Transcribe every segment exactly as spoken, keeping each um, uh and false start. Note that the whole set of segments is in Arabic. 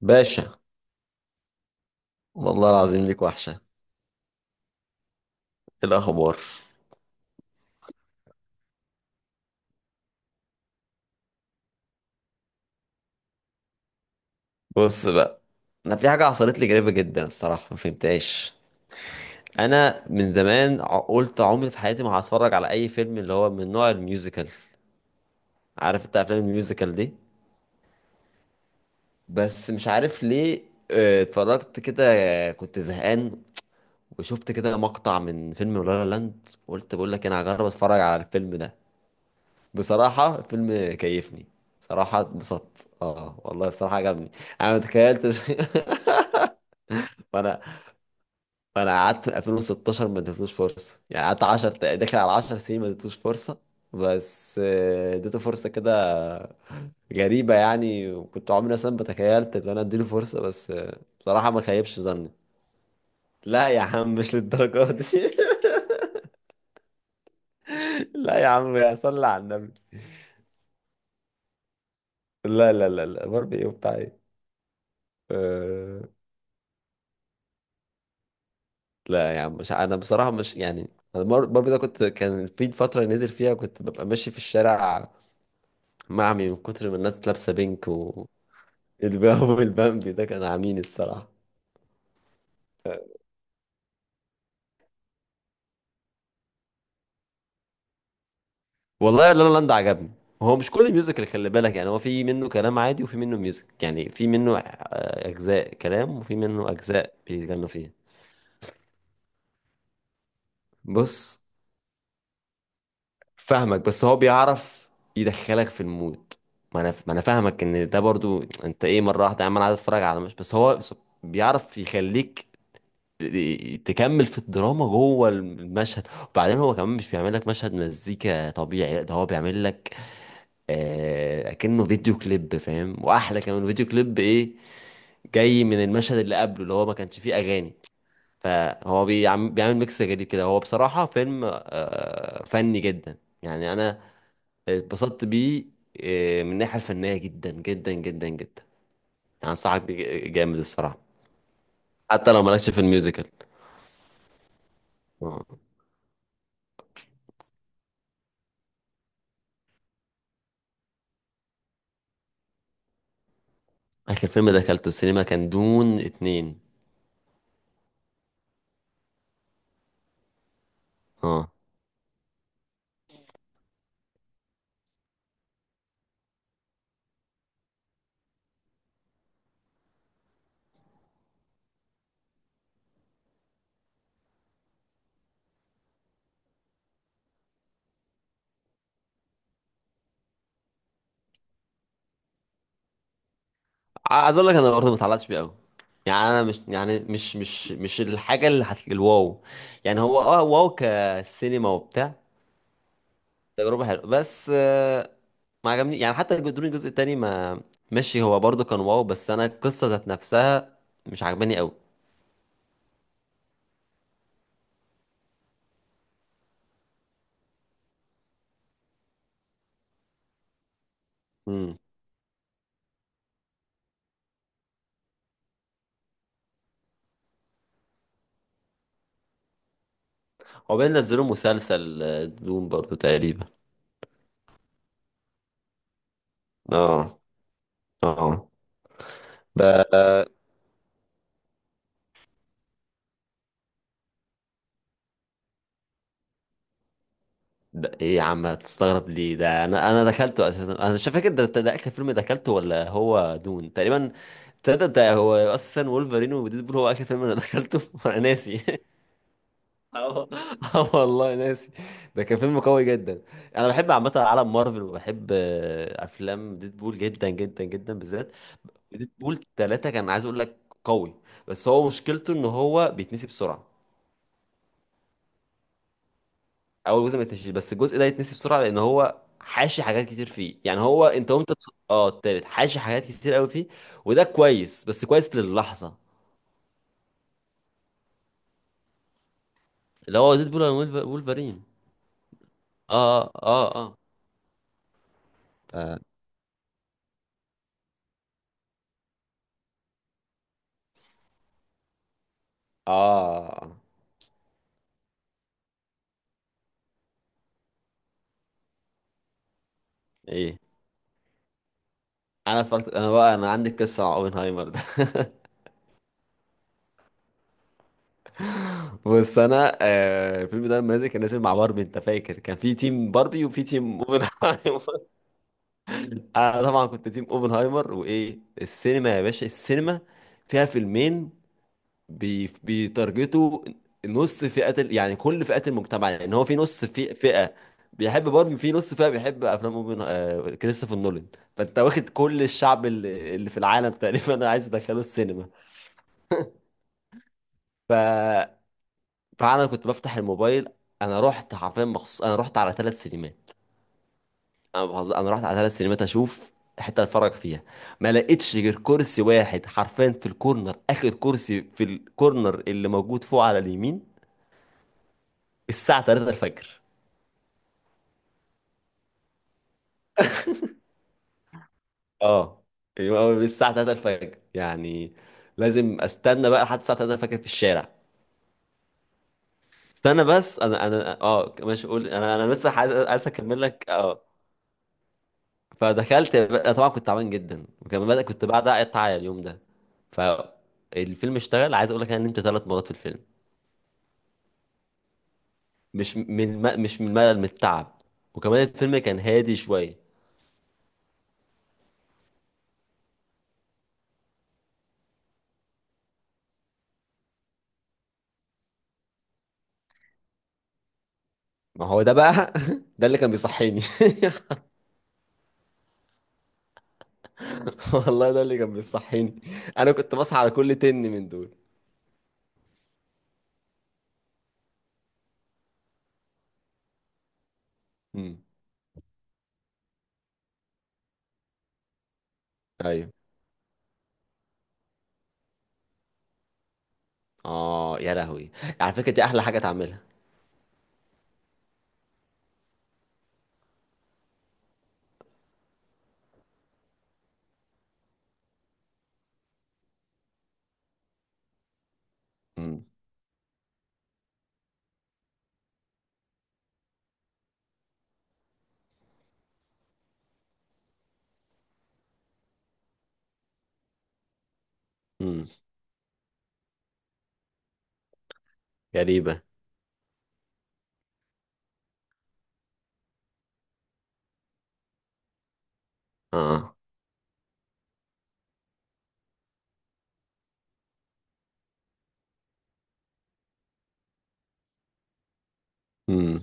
باشا. والله العظيم ليك وحشة. إيه الأخبار؟ بص بقى، أنا في حاجة حصلت لي غريبة جدا الصراحة ما فهمتهاش. أنا من زمان ع- قلت عمري في حياتي ما هتفرج على أي فيلم اللي هو من نوع الميوزيكال. عارف أنت أفلام الميوزيكال دي؟ بس مش عارف ليه. آه، اتفرجت كده. آه، كنت زهقان، وشفت كده مقطع من فيلم لا لا لاند، وقلت بقول لك أنا هجرب أتفرج على الفيلم ده. بصراحة الفيلم كيفني، بصراحة اتبسطت، اه والله بصراحة عجبني. انا ما تخيلتش. فانا فانا قعدت من ألفين وستة عشر ما اديتلوش فرصة، يعني قعدت عشر تق- داخل على عشر سنين ما اديتلوش فرصة. بس آه، اديته فرصة كده. غريبة يعني، وكنت عمري اصلا ما تخيلت ان انا اديله فرصة، بس آه، بصراحة ما خيبش ظني. لا يا عم، مش للدرجة دي. لا يا عم، يا صلي على النبي. لا، لا، لا، لا، باربي ايه وبتاع ايه؟ آه. لا يا عم، مش انا بصراحه، مش يعني. انا مر- برضه ده كنت، كان في فتره نزل فيها كنت ببقى ماشي في الشارع، معمي من كتر ما الناس لابسه بينك والباو. والبامبي ده كان عامين الصراحه. والله لا لا لاند عجبني. هو مش كل الميوزك، اللي خلي بالك يعني هو في منه كلام عادي وفي منه ميوزك، يعني في منه آه، اجزاء كلام وفي منه اجزاء بيتغنوا فيها. بص، فاهمك بس هو بيعرف يدخلك في المود. ما انا ما انا فاهمك ان ده برضو، انت ايه مره واحده يا عم، انا عايز اتفرج على، مش بس هو سب- بيعرف يخليك تكمل في الدراما جوه المشهد. وبعدين هو كمان مش بيعمل لك مشهد مزيكا طبيعي، لا ده هو بيعمل لك آه اكنه فيديو كليب، فاهم؟ واحلى كمان، فيديو كليب ايه جاي من المشهد اللي قبله اللي هو ما كانش فيه اغاني. فهو بيعمل بيعمل ميكس غريب كده، هو بصراحه فيلم آه فني جدا. يعني انا اتبسطت بيه آه، من الناحية الفنية جدا جدا جدا جدا. يعني أنصحك بيه جامد الصراحة. حتى لو مالكش في الميوزيكال. اه. آخر فيلم دخلته السينما كان دون اتنين. اه. عايز أقول لك أنا برضه متعلقتش بيه أوي. يعني أنا مش، يعني مش مش مش الحاجة اللي هت... الواو. يعني هو اه واو كسينما وبتاع. تجربة حلوة، بس آه، ما عجبني يعني حتى دون الجزء التاني، ما، ماشي. هو برضه كان واو، بس أنا القصة ذات نفسها مش عجباني أوي. عقبال نزلوا مسلسل آه، دوم برضو تقريبا. اه. اه. ب... ده ايه يا عم، هتستغرب ليه؟ ده انا انا دخلته اساسا، انا مش فاكر ده ده اخر فيلم دخلته ولا هو دون تقريبا. ده ده, ده هو اساسا، وولفرين وديدبول هو اخر فيلم انا دخلته. وانا ناسي. اه. آه والله ناسي. ده كان فيلم قوي جدا. انا بحب عامه عالم مارفل، وبحب آه، افلام ديدبول جدا جدا جدا بالذات. ديدبول ثلاثة كان عايز اقول لك، قوي. بس هو مشكلته ان هو بيتنسي بسرعة. اول جزء ما يتنسيش، بس الجزء ده يتنسي بسرعة، لان هو حاشي حاجات كتير فيه. يعني هو، انت وانت تص- اه التالت حاشي حاجات كتير قوي فيه. وده كويس، بس كويس للحظة. اللي هو ديدبول اند وولف- وولفرين. اه، اه، اه، اه. آه. ايه؟ انا فكت... انا بقى، انا عندي قصة مع اوبنهايمر ده. بس انا آه الفيلم ده لما نزل كان نازل مع باربي، انت فاكر كان في تيم باربي وفي تيم اوبنهايمر؟ انا طبعا كنت تيم اوبنهايمر. وايه السينما يا باشا، السينما فيها فيلمين بي بيتارجتوا نص فئة ال- يعني كل فئات المجتمع. يعني هو في نص، في فئة بيحب باربي، في نص فئة بيحب افلام اوبن آه، كريستوفر نولان. فانت واخد كل الشعب اللي اللي في العالم تقريبا، انا عايز ادخله السينما. ف فانا كنت بفتح الموبايل. انا رحت حرفيا مخصوص، انا رحت على ثلاث سينمات. انا بهزر، انا رحت على ثلاث سينمات اشوف حته اتفرج فيها. ما لقيتش غير كرسي واحد حرفيا في الكورنر، اخر كرسي في الكورنر اللي موجود فوق على اليمين. الساعه تلاتة الفجر. اه، يعني هو الساعه تلاتة الفجر يعني، لازم استنى بقى لحد الساعه تلاتة الفجر في الشارع. استنى، بس انا، انا اه ماشي، قول. انا، انا لسه عايز، عايز اكمل لك، اه. فدخلت بقى، طبعا كنت تعبان جدا، وكمان بدأ كنت بعد اقطع اليوم ده. فالفيلم اشتغل، عايز اقول لك ان انت ثلاث مرات في الفيلم. مش من الم... مش من الملل، من التعب. وكمان الفيلم كان هادي شوية. ما هو ده بقى. ده اللي كان بيصحيني. والله ده اللي كان بيصحيني، انا كنت بصحى على كل تن من دول. امم. ايوه. اه، يا لهوي، على فكرة دي احلى حاجة تعملها. امم، امم. غريبة. اه. امم.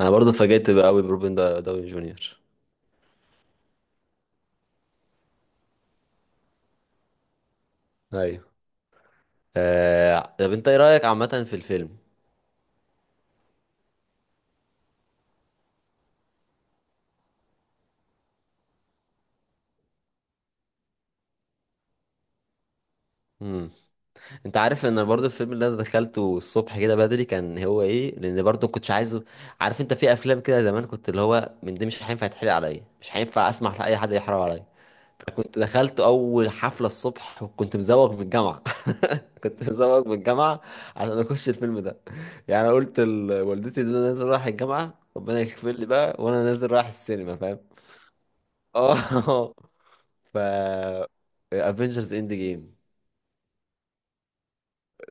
انا برضو اتفاجئت بقى قوي بروبن دا- داوني جونيور. ايوه. آه... طب انت ايه رأيك عامة في الفيلم؟ انت عارف ان برضو الفيلم اللي انا دخلته الصبح كده بدري كان هو ايه؟ لان برضو ما كنتش عايزه. عارف انت في افلام كده زمان، كنت اللي هو من دي مش هينفع يتحرق عليا، مش هينفع اسمح لاي حد يحرق عليا. فكنت دخلت اول حفلة الصبح، وكنت مزوغ من الجامعة. كنت مزوغ من الجامعة عشان اخش الفيلم ده. يعني انا قلت لوالدتي ان انا نازل رايح الجامعة، ربنا يغفر لي بقى، وانا نازل رايح السينما، فاهم. اه. ف افنجرز اند جيم.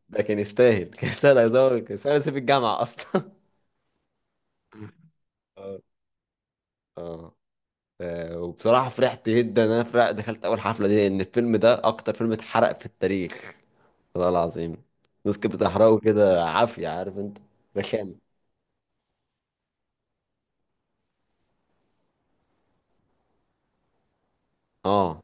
ده كان يستاهل، كان يستاهل هزار، كان يستاهل اسيب الجامعه اصلا. آه. اه. آه، وبصراحه فرحت جدا ان انا فرح دخلت اول حفله دي، لان الفيلم ده اكتر فيلم اتحرق في التاريخ. والله العظيم. الناس كانت بتحرقه كده عافيه، عارف انت. رخامه. اه.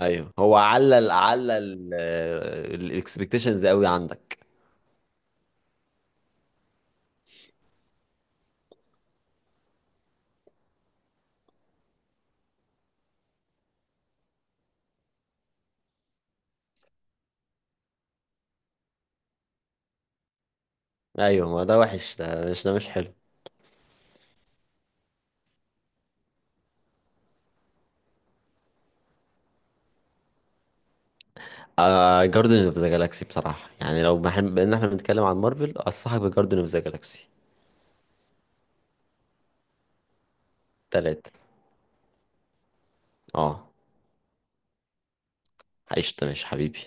ايوه، هو علل علل الاكسبكتيشنز قوي عندك. ايوه، ما ده وحش، ده مش ده مش حلو. آه جاردن اوف ذا جالاكسي بصراحه، يعني لو بح- بان احنا بنتكلم عن مارفل، انصحك بجاردن اوف ذا جالاكسي. تلاتة. اه. عشت، ماشي حبيبي.